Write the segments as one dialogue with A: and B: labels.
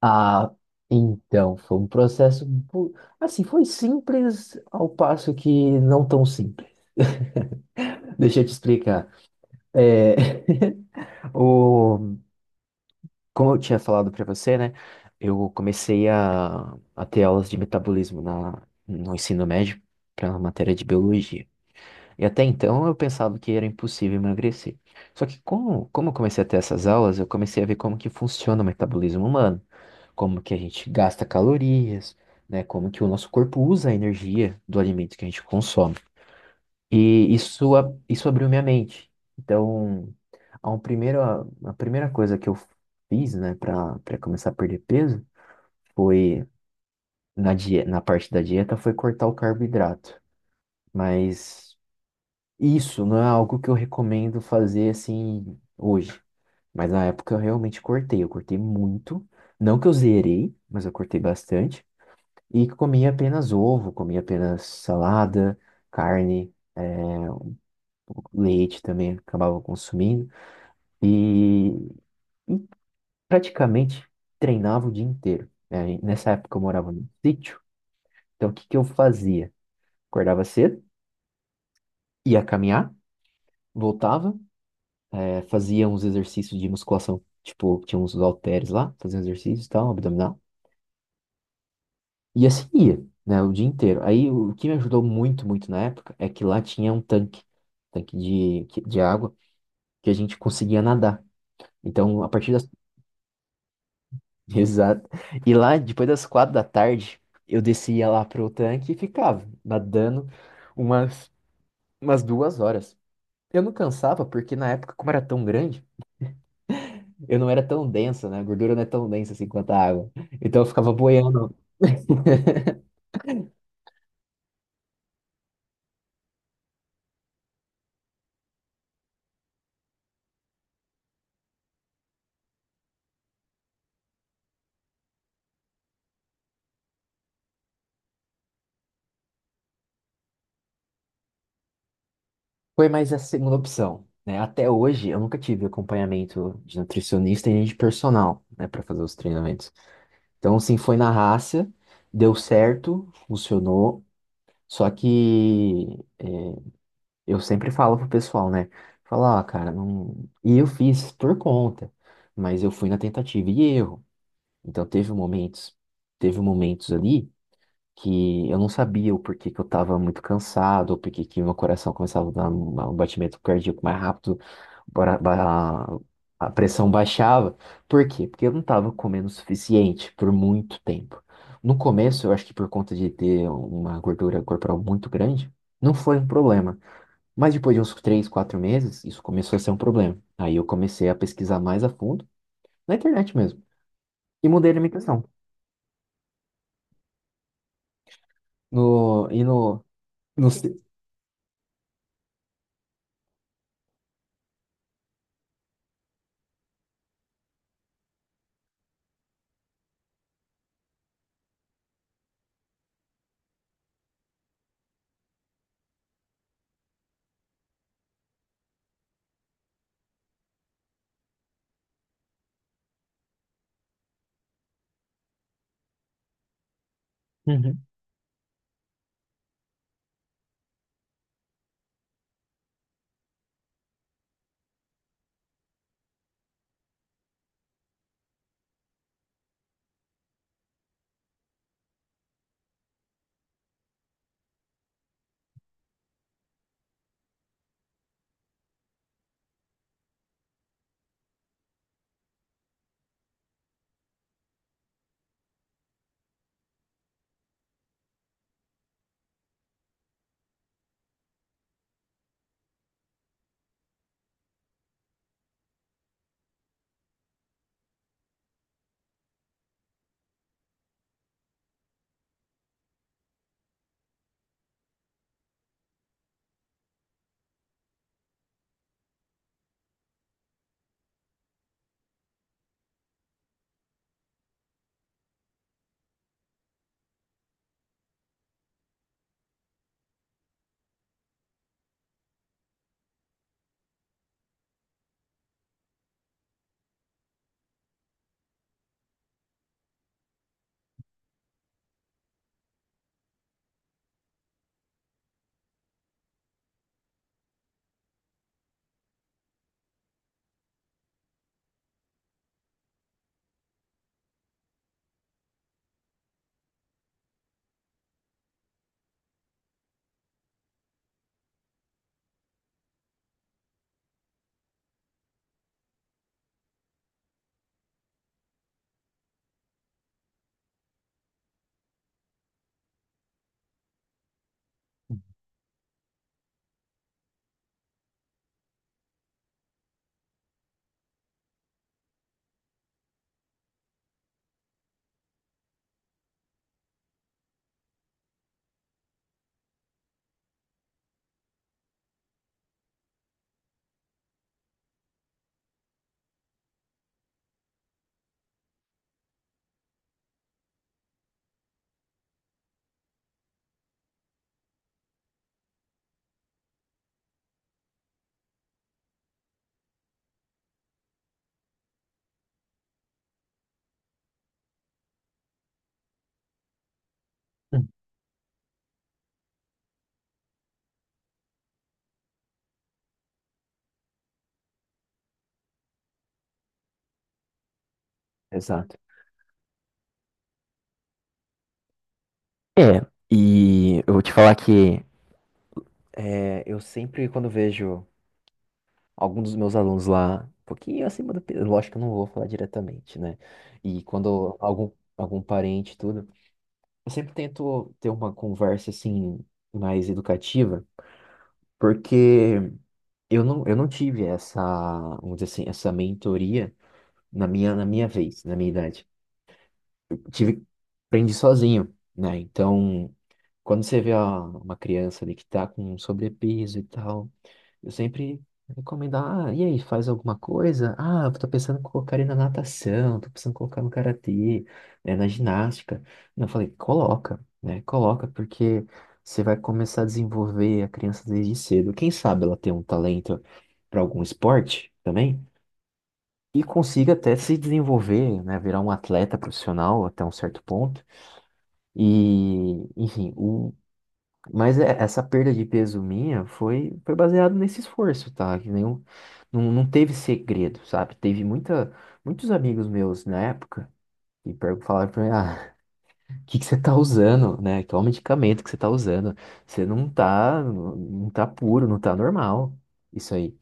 A: Ah, então, foi um processo, assim, foi simples ao passo que não tão simples. Deixa eu te explicar. É, o, como eu tinha falado para você, né, eu comecei a ter aulas de metabolismo no ensino médio para a matéria de biologia. E até então eu pensava que era impossível emagrecer. Só que como eu comecei a ter essas aulas, eu comecei a ver como que funciona o metabolismo humano, como que a gente gasta calorias, né? Como que o nosso corpo usa a energia do alimento que a gente consome. E isso, isso abriu minha mente. Então, a, um primeiro, a primeira coisa que eu fiz, né, para começar a perder peso foi na parte da dieta foi cortar o carboidrato. Mas isso não é algo que eu recomendo fazer assim hoje. Mas na época eu realmente cortei, eu cortei muito. Não que eu zerei, mas eu cortei bastante. E comia apenas ovo, comia apenas salada, carne, leite também acabava consumindo. E praticamente treinava o dia inteiro, né? Nessa época eu morava num sítio, então o que que eu fazia? Acordava cedo, ia caminhar, voltava, fazia uns exercícios de musculação. Tipo, tinha uns halteres lá, fazia uns exercícios e tal, abdominal. E assim ia, né, o dia inteiro. Aí o que me ajudou muito, muito na época é que lá tinha um tanque, tanque de água, que a gente conseguia nadar. Então, a partir das. Exato. E lá, depois das 4 da tarde, eu descia lá pro tanque e ficava nadando umas, umas 2 horas. Eu não cansava, porque na época, como era tão grande, eu não era tão densa, né? A gordura não é tão densa assim quanto a água. Então, eu ficava boiando. Foi mais a segunda opção, né? Até hoje, eu nunca tive acompanhamento de nutricionista e nem de personal, né, para fazer os treinamentos. Então, assim, foi na raça, deu certo, funcionou. Só que eu sempre falo pro pessoal, né? Falar, ah, cara, não. E eu fiz por conta, mas eu fui na tentativa e erro. Então teve momentos ali que eu não sabia o porquê que eu tava muito cansado, ou porquê que meu coração começava a dar um batimento cardíaco mais rápido, bora- ba- a pressão baixava. Por quê? Porque eu não estava comendo o suficiente por muito tempo. No começo, eu acho que por conta de ter uma gordura corporal muito grande, não foi um problema. Mas depois de uns 3, 4 meses, isso começou a ser um problema. Aí eu comecei a pesquisar mais a fundo, na internet mesmo, e mudei a alimentação. No, e no, no... se- Uhum, uhum. Exato. É, e eu vou te falar que é, eu sempre, quando vejo algum dos meus alunos lá, um pouquinho acima do peso, lógico que eu não vou falar diretamente, né? E quando algum, algum parente, e tudo, eu sempre tento ter uma conversa assim, mais educativa, porque eu não tive essa, vamos dizer assim, essa mentoria na minha vez, na minha idade. Tive, aprendi sozinho, né? Então, quando você vê uma criança ali que tá com sobrepeso e tal. Eu sempre recomendo, ah, e aí, faz alguma coisa? Ah, eu tô pensando em colocar ele na natação, tô pensando em colocar no karatê, né, na ginástica. E eu falei, coloca, né? Coloca, porque você vai começar a desenvolver a criança desde cedo. Quem sabe ela tem um talento para algum esporte também e consiga até se desenvolver, né, virar um atleta profissional até um certo ponto. E, enfim, essa perda de peso minha foi, foi baseado nesse esforço, tá? Que nenhum, não, não teve segredo, sabe? Teve muitos amigos meus na época que falaram pra mim, ah, o que que você tá usando, né? Qual medicamento que você tá usando? Você não tá, não tá puro, não tá normal. Isso aí.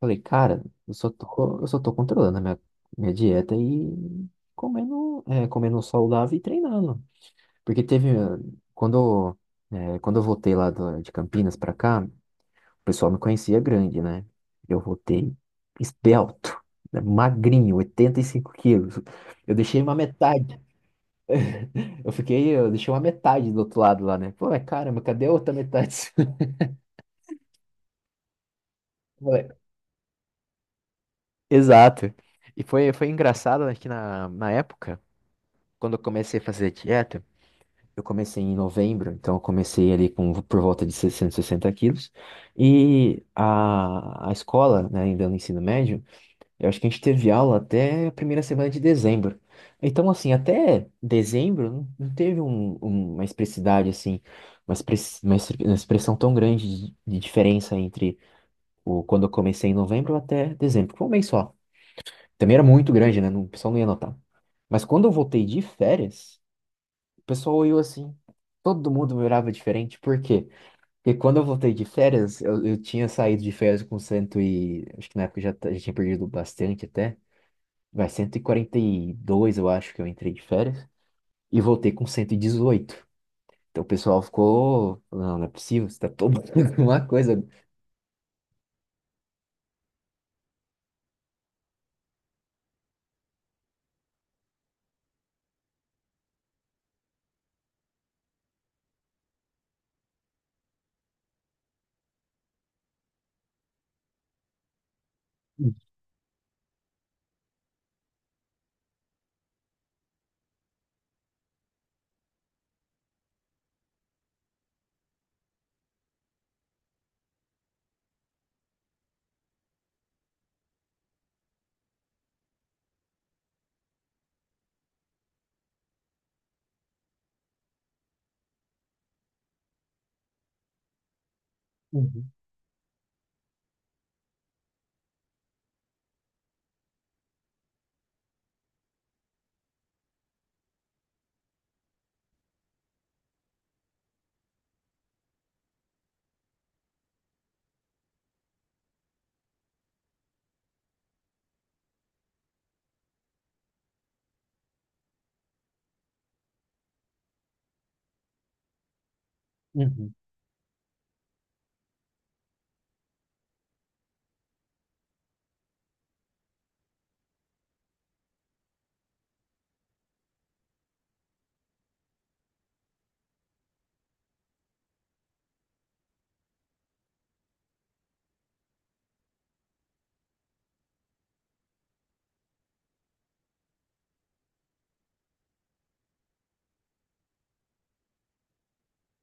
A: Falei, cara, eu só tô controlando a minha, minha dieta e comendo, comendo saudável e treinando. Porque teve, quando, quando eu voltei lá de Campinas pra cá, o pessoal me conhecia grande, né? Eu voltei esbelto, né, magrinho, 85 quilos. Eu deixei uma metade. Eu fiquei, eu deixei uma metade do outro lado lá, né? Pô, mas caramba, cadê a outra metade? Ué, exato. E foi, foi engraçado, né, que na época, quando eu comecei a fazer dieta. Eu comecei em novembro, então eu comecei ali com por volta de 660 quilos. E a escola, né, ainda no ensino médio, eu acho que a gente teve aula até a primeira semana de dezembro. Então, assim, até dezembro não teve uma expressidade, assim, uma expressão tão grande de diferença entre o, quando eu comecei em novembro até dezembro. Foi um mês só. Também era muito grande, né? O pessoal não ia notar. Mas quando eu voltei de férias. O pessoal olhou assim. Todo mundo me olhava diferente. Por quê? Porque quando eu voltei de férias, eu tinha saído de férias com cento e... Acho que na época eu já, já tinha perdido bastante até. Vai, cento e quarenta e dois, eu acho que eu entrei de férias. E voltei com 118. Então o pessoal ficou... Não, não é possível. Você tá tomando alguma coisa. Uhum, uhum.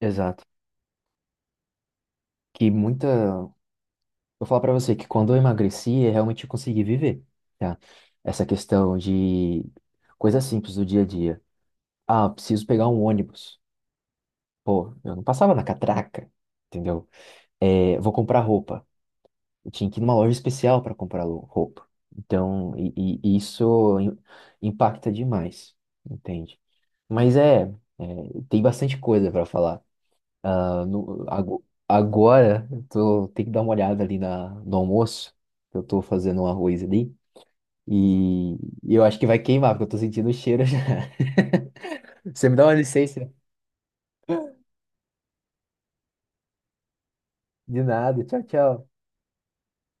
A: Exato. Que muita... Vou falar pra você que quando eu emagreci, eu realmente consegui viver. Tá? Essa questão de coisas simples do dia a dia. Ah, preciso pegar um ônibus. Pô, eu não passava na catraca, entendeu? É, vou comprar roupa. Eu tinha que ir numa loja especial para comprar roupa. Então, e isso impacta demais, entende? Mas é, tem bastante coisa para falar. Ah, agora, eu tô, tenho que dar uma olhada ali no almoço, que eu tô fazendo um arroz ali. E, e eu acho que vai queimar, porque eu tô sentindo o cheiro já. Você me dá uma licença? De nada. Tchau, tchau.